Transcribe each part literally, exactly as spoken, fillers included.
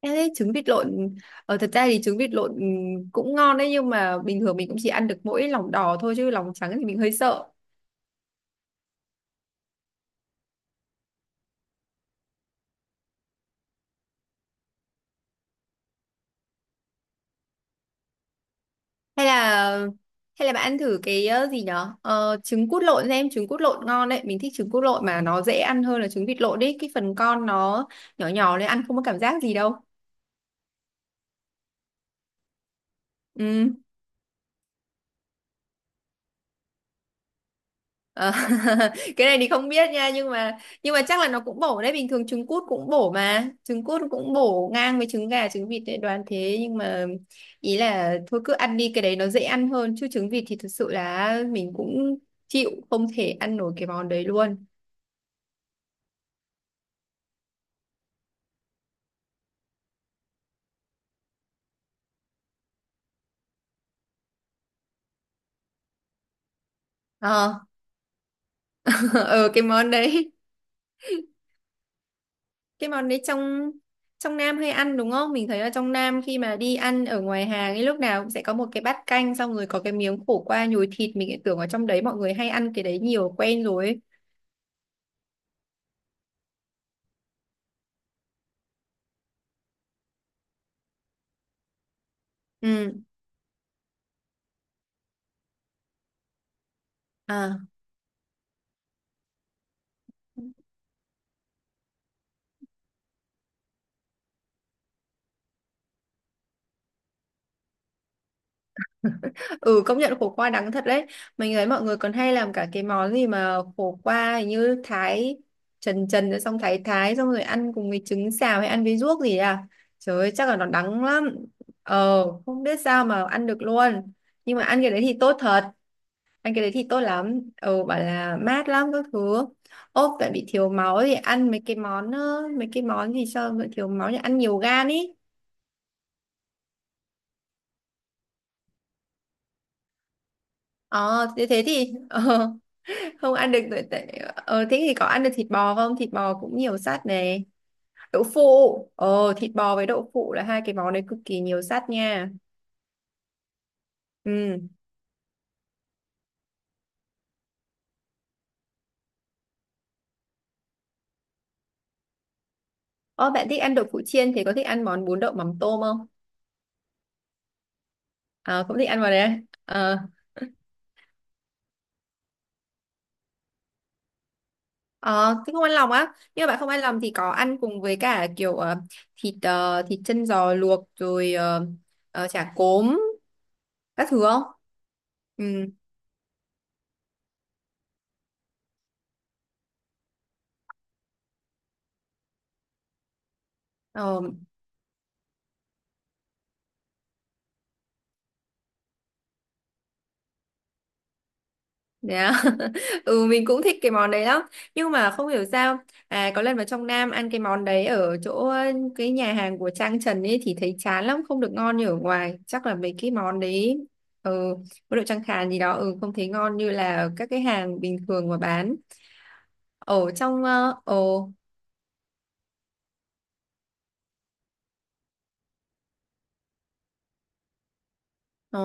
Em thấy trứng vịt lộn ờ, thật ra thì trứng vịt lộn ừ, cũng ngon đấy nhưng mà bình thường mình cũng chỉ ăn được mỗi lòng đỏ thôi chứ lòng trắng thì mình hơi sợ. Hay là hay là bạn ăn thử cái ờ, gì nhở? Ờ, trứng cút lộn xem, trứng cút lộn ngon đấy. Mình thích trứng cút lộn mà nó dễ ăn hơn là trứng vịt lộn đấy. Cái phần con nó nhỏ nhỏ nên ăn không có cảm giác gì đâu. Ừ. Ờ, cái này thì không biết nha nhưng mà nhưng mà chắc là nó cũng bổ đấy, bình thường trứng cút cũng bổ mà trứng cút cũng bổ ngang với trứng gà trứng vịt đấy, đoán thế. Nhưng mà ý là thôi cứ ăn đi, cái đấy nó dễ ăn hơn chứ trứng vịt thì thực sự là mình cũng chịu, không thể ăn nổi cái món đấy luôn. ờ ờ cái món đấy cái món đấy trong trong Nam hay ăn đúng không? Mình thấy là trong Nam khi mà đi ăn ở ngoài hàng ấy lúc nào cũng sẽ có một cái bát canh, xong rồi có cái miếng khổ qua nhồi thịt, mình lại tưởng ở trong đấy mọi người hay ăn cái đấy nhiều quen rồi ấy. Ừ. À. Ừ, công nhận khổ qua đắng thật đấy. Mình thấy mọi người còn hay làm cả cái món gì mà khổ qua hình như thái trần trần rồi xong thái thái xong rồi ăn cùng với trứng xào hay ăn với ruốc gì à. Trời ơi, chắc là nó đắng lắm. Ờ không biết sao mà ăn được luôn. Nhưng mà ăn cái đấy thì tốt thật, ăn cái đấy thì tốt lắm. Ừ, bảo là mát lắm các thứ. Ốp tại bị thiếu máu thì ăn mấy cái món ờ, mấy cái món gì cho bị thiếu máu thì ăn nhiều gan ý. Ờ thế thế thì ờ, không ăn được tại tại- ờ, thế thì có ăn được thịt bò không, thịt bò cũng nhiều sắt này, đậu phụ. ờ Thịt bò với đậu phụ là hai cái món đấy cực kỳ nhiều sắt nha. Ừ. Ờ bạn thích ăn đậu phụ chiên thì có thích ăn món bún đậu mắm tôm không? À, cũng thích ăn vào đấy à? Ờ. Ờ, thế không ăn lòng á, nhưng mà bạn không ăn lòng thì có ăn cùng với cả kiểu ờ, thịt ờ, thịt chân giò luộc rồi ờ, ờ, chả cốm các thứ không? Ừ. ờ yeah. Ừ, mình cũng thích cái món đấy lắm nhưng mà không hiểu sao, à có lần vào trong Nam ăn cái món đấy ở chỗ ờ, cái nhà hàng của Trang Trần ấy thì thấy chán lắm, không được ngon như ở ngoài. Chắc là mấy cái món đấy ừ có độ Trang Khàn gì đó. Ừ, không thấy ngon như là các cái hàng bình thường mà bán. Ổ trong ờ, ồ ồ.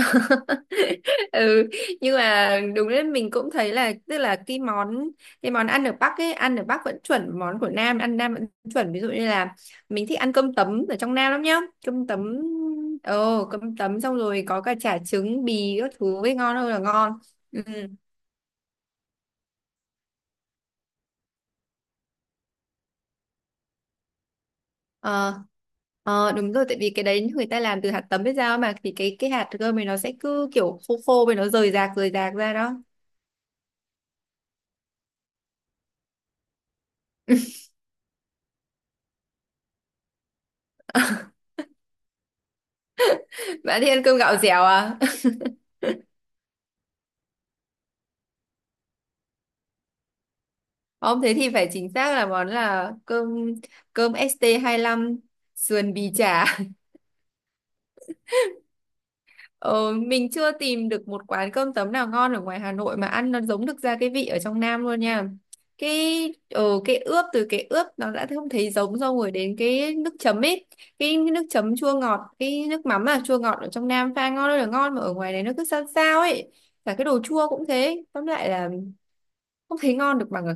Ừ, nhưng mà đúng đấy, mình cũng thấy là tức là cái món cái món ăn ở Bắc ấy, ăn ở Bắc vẫn chuẩn, món của Nam ăn Nam vẫn chuẩn. Ví dụ như là mình thích ăn cơm tấm ở trong Nam lắm nhá, cơm tấm. Ồ, cơm tấm xong rồi có cả chả trứng bì các thứ ấy, ngon hơn là ngon. Ừ. ờ Ờ đúng rồi, tại vì cái đấy người ta làm từ hạt tấm, biết sao mà, thì cái cái hạt cơm này nó sẽ cứ kiểu khô khô với nó rời rạc rời rạc ra đó. Bạn thì ăn cơm gạo dẻo à? Không, thế thì phải chính xác là món là cơm cơm ét tê hai lăm sườn bì chả. Ờ, mình chưa tìm được một quán cơm tấm nào ngon ở ngoài Hà Nội mà ăn nó giống được ra cái vị ở trong Nam luôn nha. Cái ờ, cái ướp từ cái ướp nó đã không thấy giống, xong rồi đến cái nước chấm ấy, cái nước chấm chua ngọt, cái nước mắm là chua ngọt ở trong Nam pha ngon ơi là ngon mà ở ngoài này nó cứ sao sao ấy. Cả cái đồ chua cũng thế, tóm lại là không thấy ngon được bằng ở.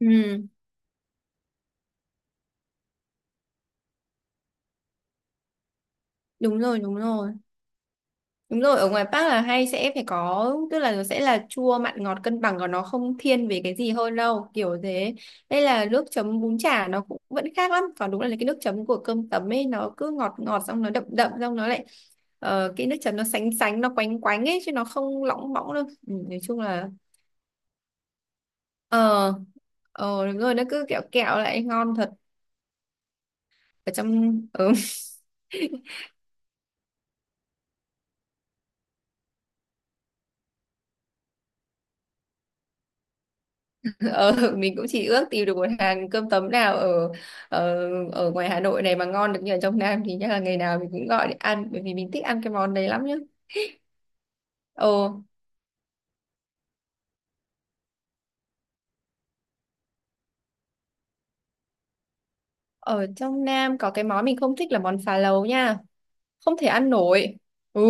Ừ, đúng rồi, đúng rồi. Đúng rồi, ở ngoài Bắc là hay sẽ phải có, tức là nó sẽ là chua mặn ngọt cân bằng còn nó không thiên về cái gì hơn đâu, kiểu thế. Đây là nước chấm bún chả nó cũng vẫn khác lắm, còn đúng là cái nước chấm của cơm tấm ấy nó cứ ngọt ngọt xong nó đậm đậm xong nó lại ờ, cái nước chấm nó sánh sánh nó quánh quánh ấy chứ nó không lỏng bõng đâu. Ừ, nói chung là ờ ờ đúng rồi, nó cứ kẹo kẹo lại ngon thật. Ở trong. Ừ. Ờ, mình cũng chỉ ước tìm được một hàng cơm tấm nào ở ở ở ngoài Hà Nội này mà ngon được như ở trong Nam thì chắc là ngày nào mình cũng gọi để ăn, bởi vì mình thích ăn cái món đấy lắm nhá. Ồ, ở trong Nam có cái món mình không thích là món phá lấu nha, không thể ăn nổi. Ừ,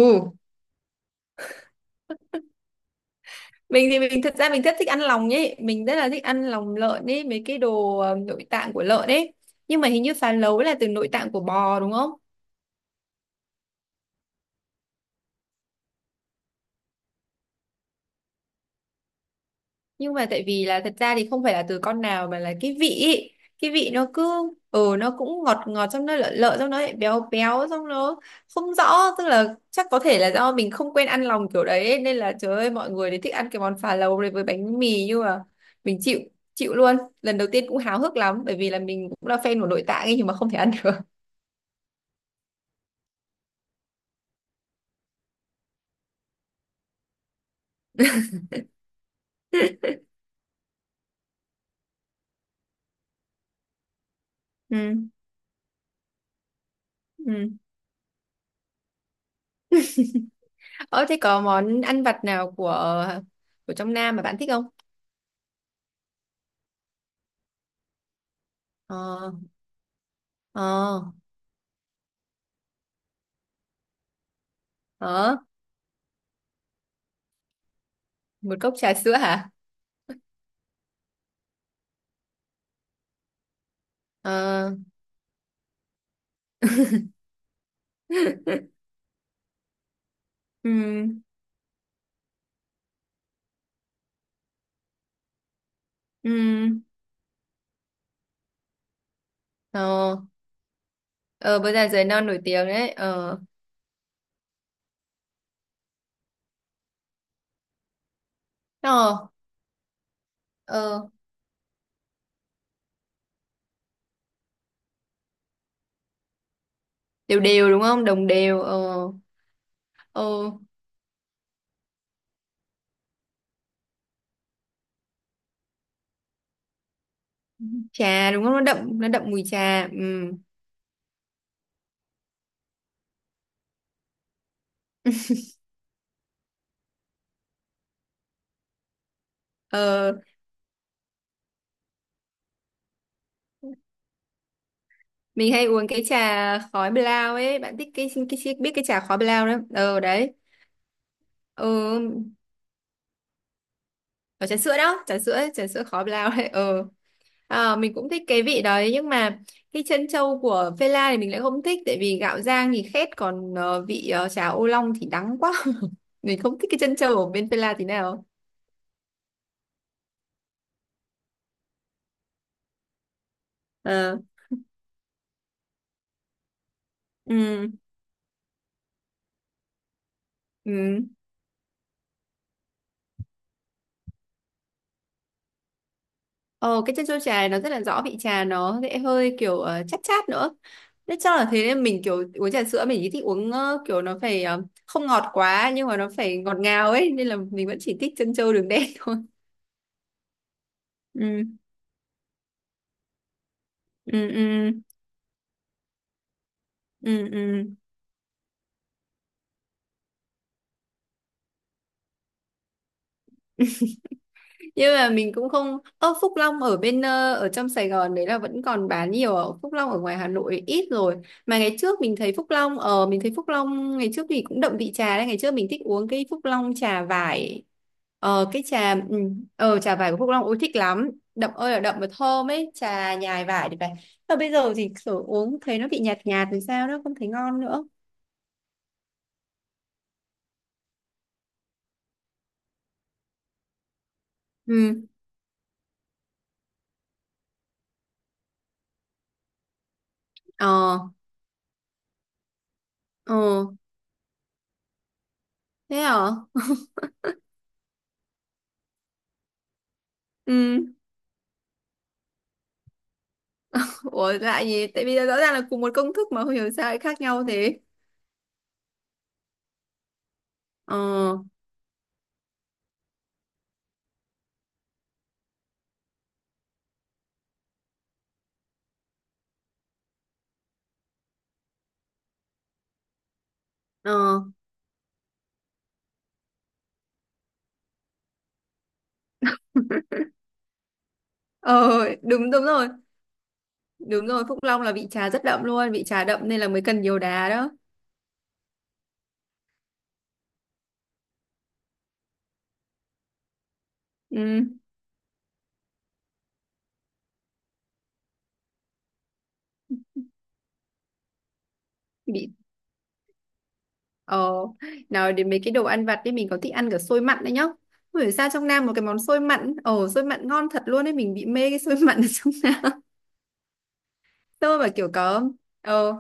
mình thì mình thật ra mình rất thích ăn lòng ấy, mình rất là thích ăn lòng lợn ấy, mấy cái đồ ờ, nội tạng của lợn ấy. Nhưng mà hình như phá lấu là từ nội tạng của bò đúng không? Nhưng mà tại vì là thật ra thì không phải là từ con nào mà là cái vị ý. Cái vị nó cứ ừ nó cũng ngọt ngọt trong, nó lợ lợ trong, nó lại béo béo trong, nó không rõ. Tức là chắc có thể là do mình không quen ăn lòng kiểu đấy ấy, nên là trời ơi mọi người đấy thích ăn cái món phà lầu này với bánh mì nhưng mà mình chịu chịu luôn. Lần đầu tiên cũng háo hức lắm bởi vì là mình cũng là fan của nội tạng ấy nhưng mà không thể ăn được. Ừ. Ừ. Ờ thế có món ăn vặt nào của của trong Nam mà bạn thích không? Ờ. Ờ. Ờ, một cốc trà sữa hả? Ờ. Ừ. Ừ. Ờ. Ờ bữa giờ giới non nổi tiếng đấy. Ờ. Ờ. Ờ đều đều đúng không, đồng đều. Ờ. Ờ trà đúng không, nó đậm, nó đậm mùi trà. Ừ. Ờ mình hay uống cái trà khói blau ấy, bạn thích cái cái, cái biết cái trà khói blau đó ờ đấy. Ừ, ờ ở trà sữa đó, trà sữa, trà sữa khói blau đấy ờ. Ờ, mình cũng thích cái vị đấy nhưng mà cái chân trâu của phê la thì mình lại không thích, tại vì gạo rang thì khét còn ờ, vị ờ, chả ô long thì đắng quá. Mình không thích cái chân trâu ở bên phê la tí nào. Ờ, ừ, ừ. Ờ, cái chân trâu trà này nó rất là rõ vị trà, nó sẽ hơi kiểu ờ, chát chát nữa. Thế chắc là thế nên mình kiểu uống trà sữa mình chỉ thích uống ờ, kiểu nó phải ờ, không ngọt quá nhưng mà nó phải ngọt ngào ấy, nên là mình vẫn chỉ thích chân trâu đường đen thôi. Ừ. Ừ. Ừ. Ừ. Ừ. Nhưng mà mình cũng không. Ơ Phúc Long ở bên ờ, ở trong Sài Gòn đấy là vẫn còn bán nhiều à? Phúc Long ở ngoài Hà Nội ít rồi mà ngày trước mình thấy Phúc Long ở, mình thấy Phúc Long ngày trước thì cũng đậm vị trà đấy, ngày trước mình thích uống cái Phúc Long trà vải. Ờ cái trà ừ, ờ trà vải của Phúc Long ôi thích lắm, đậm ơi là đậm và thơm ấy, trà nhài vải thì phải. Mà bây giờ thì kiểu uống thấy nó bị nhạt nhạt thì sao đó, không thấy ngon nữa. Ừ. Ờ. Ờ thế hả. Ừ. Ủa lạ gì? Tại vì rõ ràng là cùng một công thức mà không hiểu sao lại khác nhau thế. Ờ. ờ ờ, đúng đúng rồi. Đúng rồi, Phúc Long là vị trà rất đậm luôn, vị trà đậm nên là mới cần nhiều đá đó. Ừ, bị ờ nào đến mấy cái đồ ăn vặt đi. Mình có thích ăn cả xôi mặn đấy nhá. Không hiểu sao trong Nam một cái món xôi mặn, ờ xôi mặn ngon thật luôn đấy, mình bị mê cái xôi mặn ở trong Nam. Xôi mà kiểu có ờ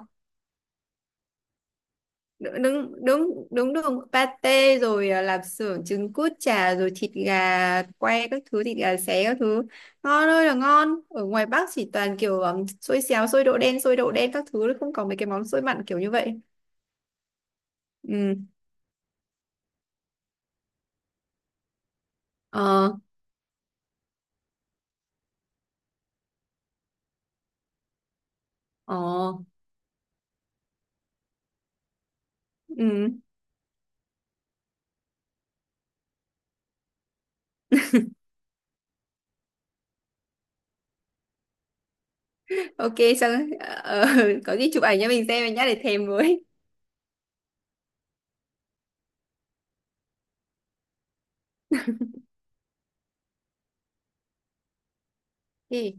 đúng đúng đúng đúng đường pate rồi, à, lạp xưởng trứng cút chả rồi thịt gà quay các thứ, thịt gà xé các thứ ngon ơi là ngon. Ở ngoài Bắc chỉ toàn kiểu um, xôi xéo xôi đậu đen xôi đậu đen các thứ, không có mấy cái món xôi mặn kiểu như vậy. Ừ. ờ ờ ừ, ok, xong, ờ, có gì chụp ảnh cho mình xem nhá để thèm với. Ừ.